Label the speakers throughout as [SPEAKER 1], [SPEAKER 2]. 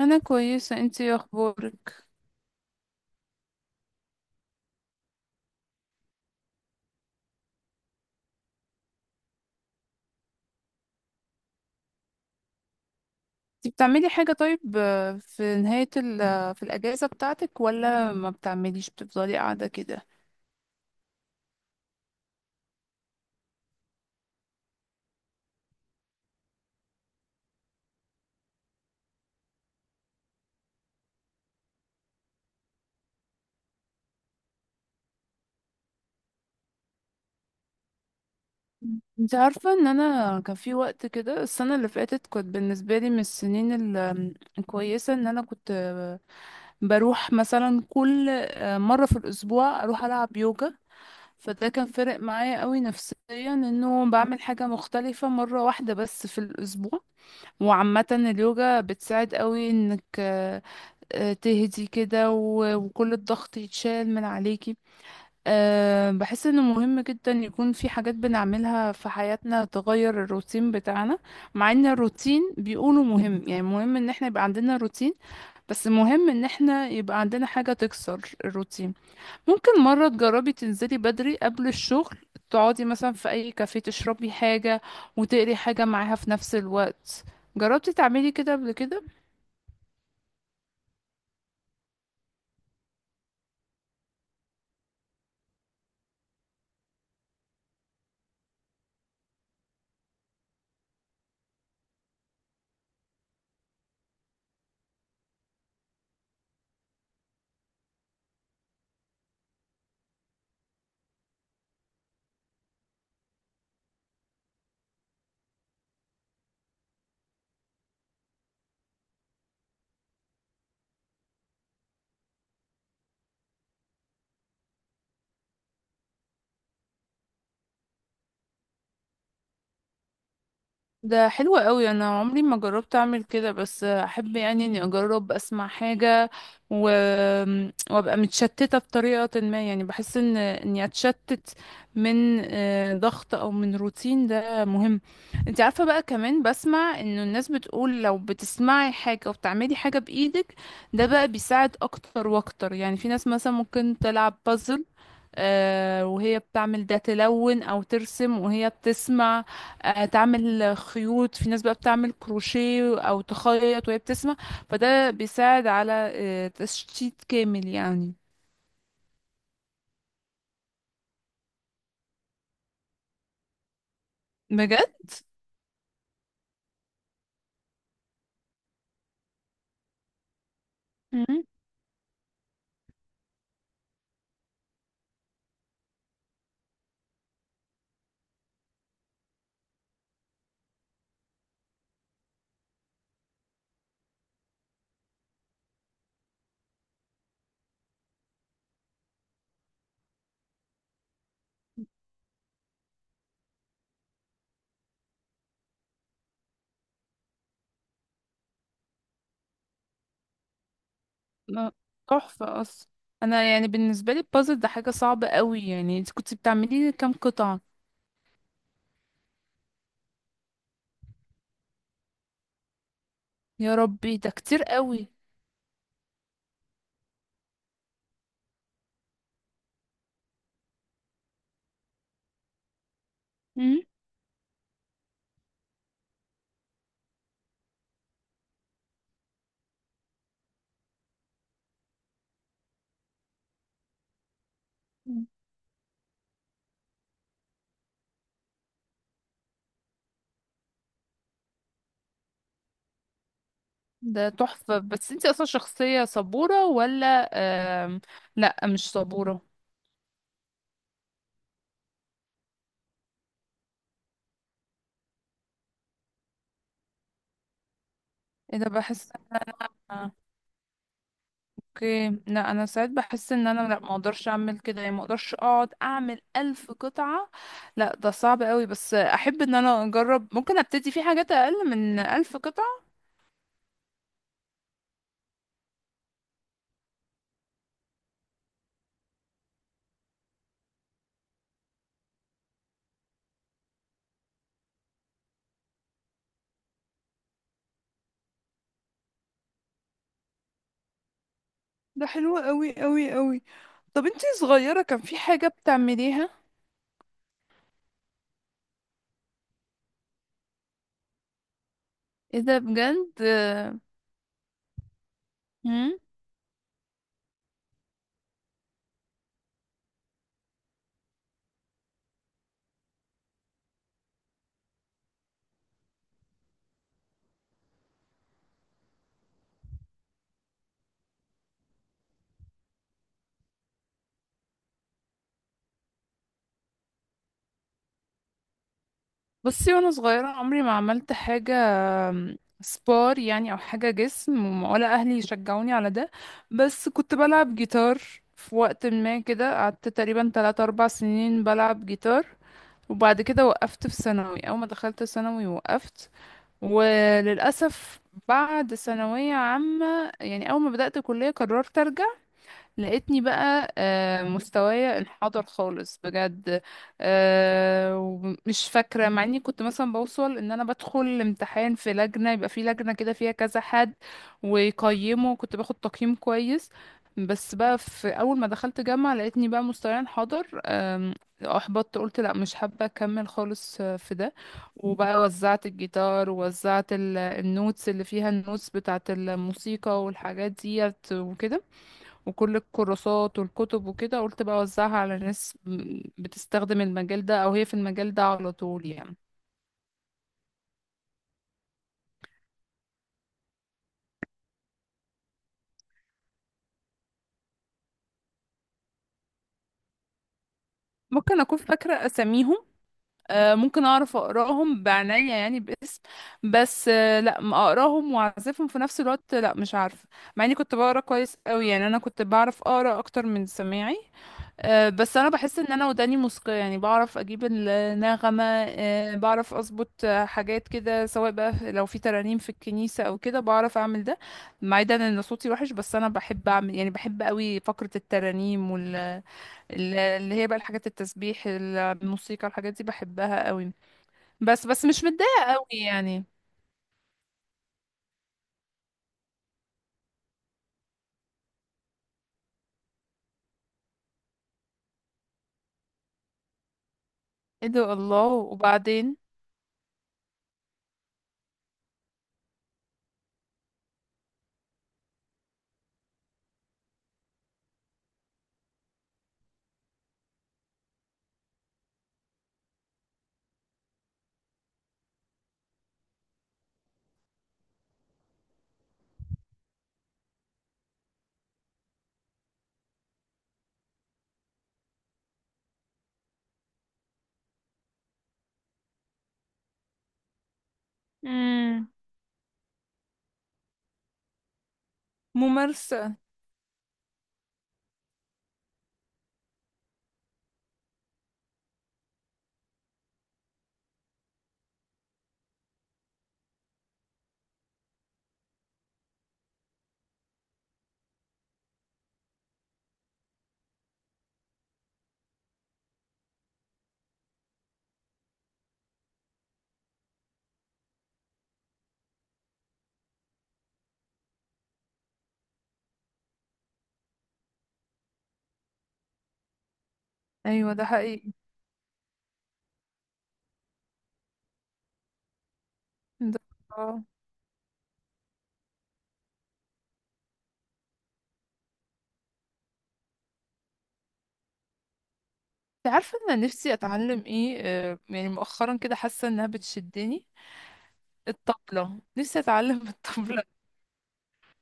[SPEAKER 1] انا كويسه، انتي إيه اخبارك؟ انتي بتعملي حاجه طيب، في نهايه ال آه، في الاجازه بتاعتك ولا ما بتعمليش، بتفضلي قاعده كده؟ انت عارفه ان انا كان في وقت كده، السنه اللي فاتت كنت بالنسبه لي من السنين ال- آم، الكويسه ان انا كنت، بروح مثلا كل مره في الاسبوع اروح العب يوجا. فده كان فارق معايا قوي نفسيا، انه بعمل حاجه مختلفه مره واحده بس في الاسبوع. وعامه اليوجا بتساعد قوي انك تهدي كده و- وكل الضغط يتشال من عليكي. بحس انه مهم جدا يكون في حاجات بنعملها في حياتنا تغير الروتين بتاعنا. مع ان الروتين بيقولوا مهم، يعني مهم ان احنا يبقى عندنا روتين، بس مهم ان احنا يبقى عندنا حاجة تكسر الروتين. ممكن مرة تجربي تنزلي بدري قبل الشغل، تقعدي مثلا في اي كافيه، تشربي حاجة وتقري حاجة معاها في نفس الوقت. جربتي تعملي كده قبل كده؟ ده حلو قوي، انا عمري ما جربت اعمل كده، بس احب يعني اني اجرب اسمع حاجة و... وابقى متشتتة بطريقة ما، يعني بحس ان اني اتشتت من ضغط او من روتين، ده مهم. انت عارفة بقى، كمان بسمع انه الناس بتقول لو بتسمعي حاجة وبتعملي حاجة بايدك، ده بقى بيساعد اكتر واكتر. يعني في ناس مثلا ممكن تلعب بازل وهي بتعمل ده، تلون او ترسم وهي بتسمع، تعمل خيوط، في ناس بقى بتعمل كروشيه او تخيط وهي بتسمع. فده بيساعد على تشتيت كامل يعني. بجد. مم. لا، تحفة اصلا. انا يعني بالنسبة لي البازل ده حاجة صعبة قوي. يعني انت كنت بتعملي كام قطعة؟ يا ربي، ده كتير قوي. مم. ده تحفة. بس انت اصلا شخصية صبورة ولا آم، لا مش صبورة؟ ايه ده، بحس، آه، اوكي. لا انا ساعات بحس ان انا لا، ما اقدرش اعمل كده، يعني ما اقدرش اقعد اعمل الف قطعة. لا ده صعب قوي، بس احب ان انا اجرب، ممكن ابتدي في حاجات اقل من الف قطعة. ده حلو قوي قوي قوي. طب انتي صغيرة كان في حاجة بتعمليها؟ ايه ده، بجد؟ مم؟ بصي، وانا صغيرة عمري ما عملت حاجة سبار يعني او حاجه جسم، ولا اهلي يشجعوني على ده. بس كنت بلعب جيتار، في وقت ما كده قعدت تقريبا 3 4 سنين بلعب جيتار. وبعد كده وقفت في ثانوي، اول ما دخلت ثانوي وقفت، وللاسف بعد ثانويه عامه يعني اول ما بدات كليه قررت ارجع. لقيتني بقى مستوايا انحدر خالص، بجد. ومش فاكرة، مع اني كنت مثلا بوصل ان انا بدخل امتحان في لجنة، يبقى في لجنة كده فيها كذا حد ويقيمه، كنت باخد تقييم كويس. بس بقى في اول ما دخلت جامعة لقيتني بقى مستوايا انحدر، احبطت. قلت لا مش حابة اكمل خالص في ده. وبقى وزعت الجيتار، ووزعت النوتس اللي فيها، النوتس بتاعت الموسيقى والحاجات ديت وكده، وكل الكورسات والكتب وكده. قلت بقى اوزعها على ناس بتستخدم المجال ده، او هي في المجال ده على طول يعني. ممكن اكون فاكره اساميهم، ممكن اعرف اقراهم بعناية يعني باسم. بس لا ما اقراهم واعزفهم في نفس الوقت، لا مش عارفه. مع اني كنت بقرا كويس قوي، يعني انا كنت بعرف اقرا اكتر من سماعي. بس انا بحس ان انا وداني موسيقية، يعني بعرف اجيب النغمة، بعرف اظبط حاجات كده، سواء بقى لو في ترانيم في الكنيسة او كده، بعرف اعمل ده. مع ده ان صوتي وحش، بس انا بحب اعمل، يعني بحب قوي فقرة الترانيم اللي هي بقى الحاجات، التسبيح، الموسيقى، الحاجات دي بحبها قوي. بس مش متضايقة قوي يعني. ايه ده، الله. وبعدين؟ امم ممارسة. ايوه ده حقيقي. ده آه. انت عارفه انا نفسي اتعلم ايه؟ يعني مؤخرا كده حاسه انها بتشدني، الطبله، نفسي اتعلم الطبله.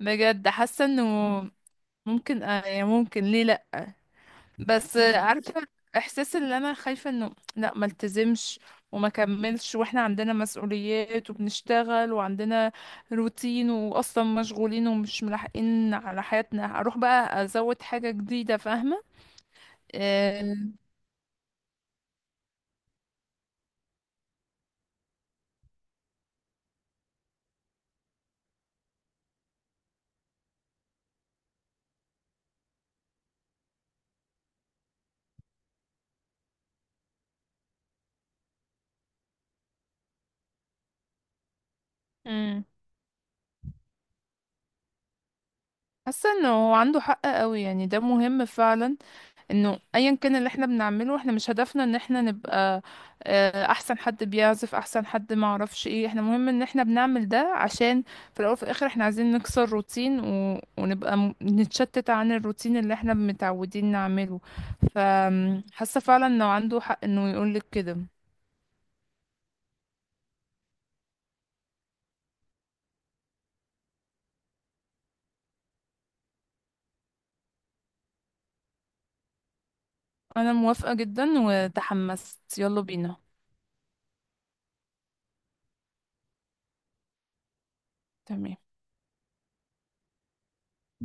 [SPEAKER 1] بجد، حاسه انه ممكن، يعني ممكن ليه لا؟ بس عارفه احساس، اللي انا خايفه انه لا، ما التزمش وما كملش. واحنا عندنا مسؤوليات وبنشتغل وعندنا روتين، واصلا مشغولين ومش ملاحقين على حياتنا، اروح بقى ازود حاجه جديده، فاهمه؟ آه، مم. حاسه انه هو عنده حق قوي، يعني ده مهم فعلا. انه ايا كان اللي احنا بنعمله، احنا مش هدفنا ان احنا نبقى احسن حد بيعزف، احسن حد ما اعرفش ايه. احنا مهم ان احنا بنعمل ده عشان في الاول وفي الاخر احنا عايزين نكسر روتين و... ونبقى م... نتشتت عن الروتين اللي احنا متعودين نعمله. فحاسه فعلا انه عنده حق انه يقولك كده. انا موافقة جدا، وتحمست، يلا بينا. تمام.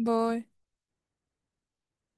[SPEAKER 1] باي.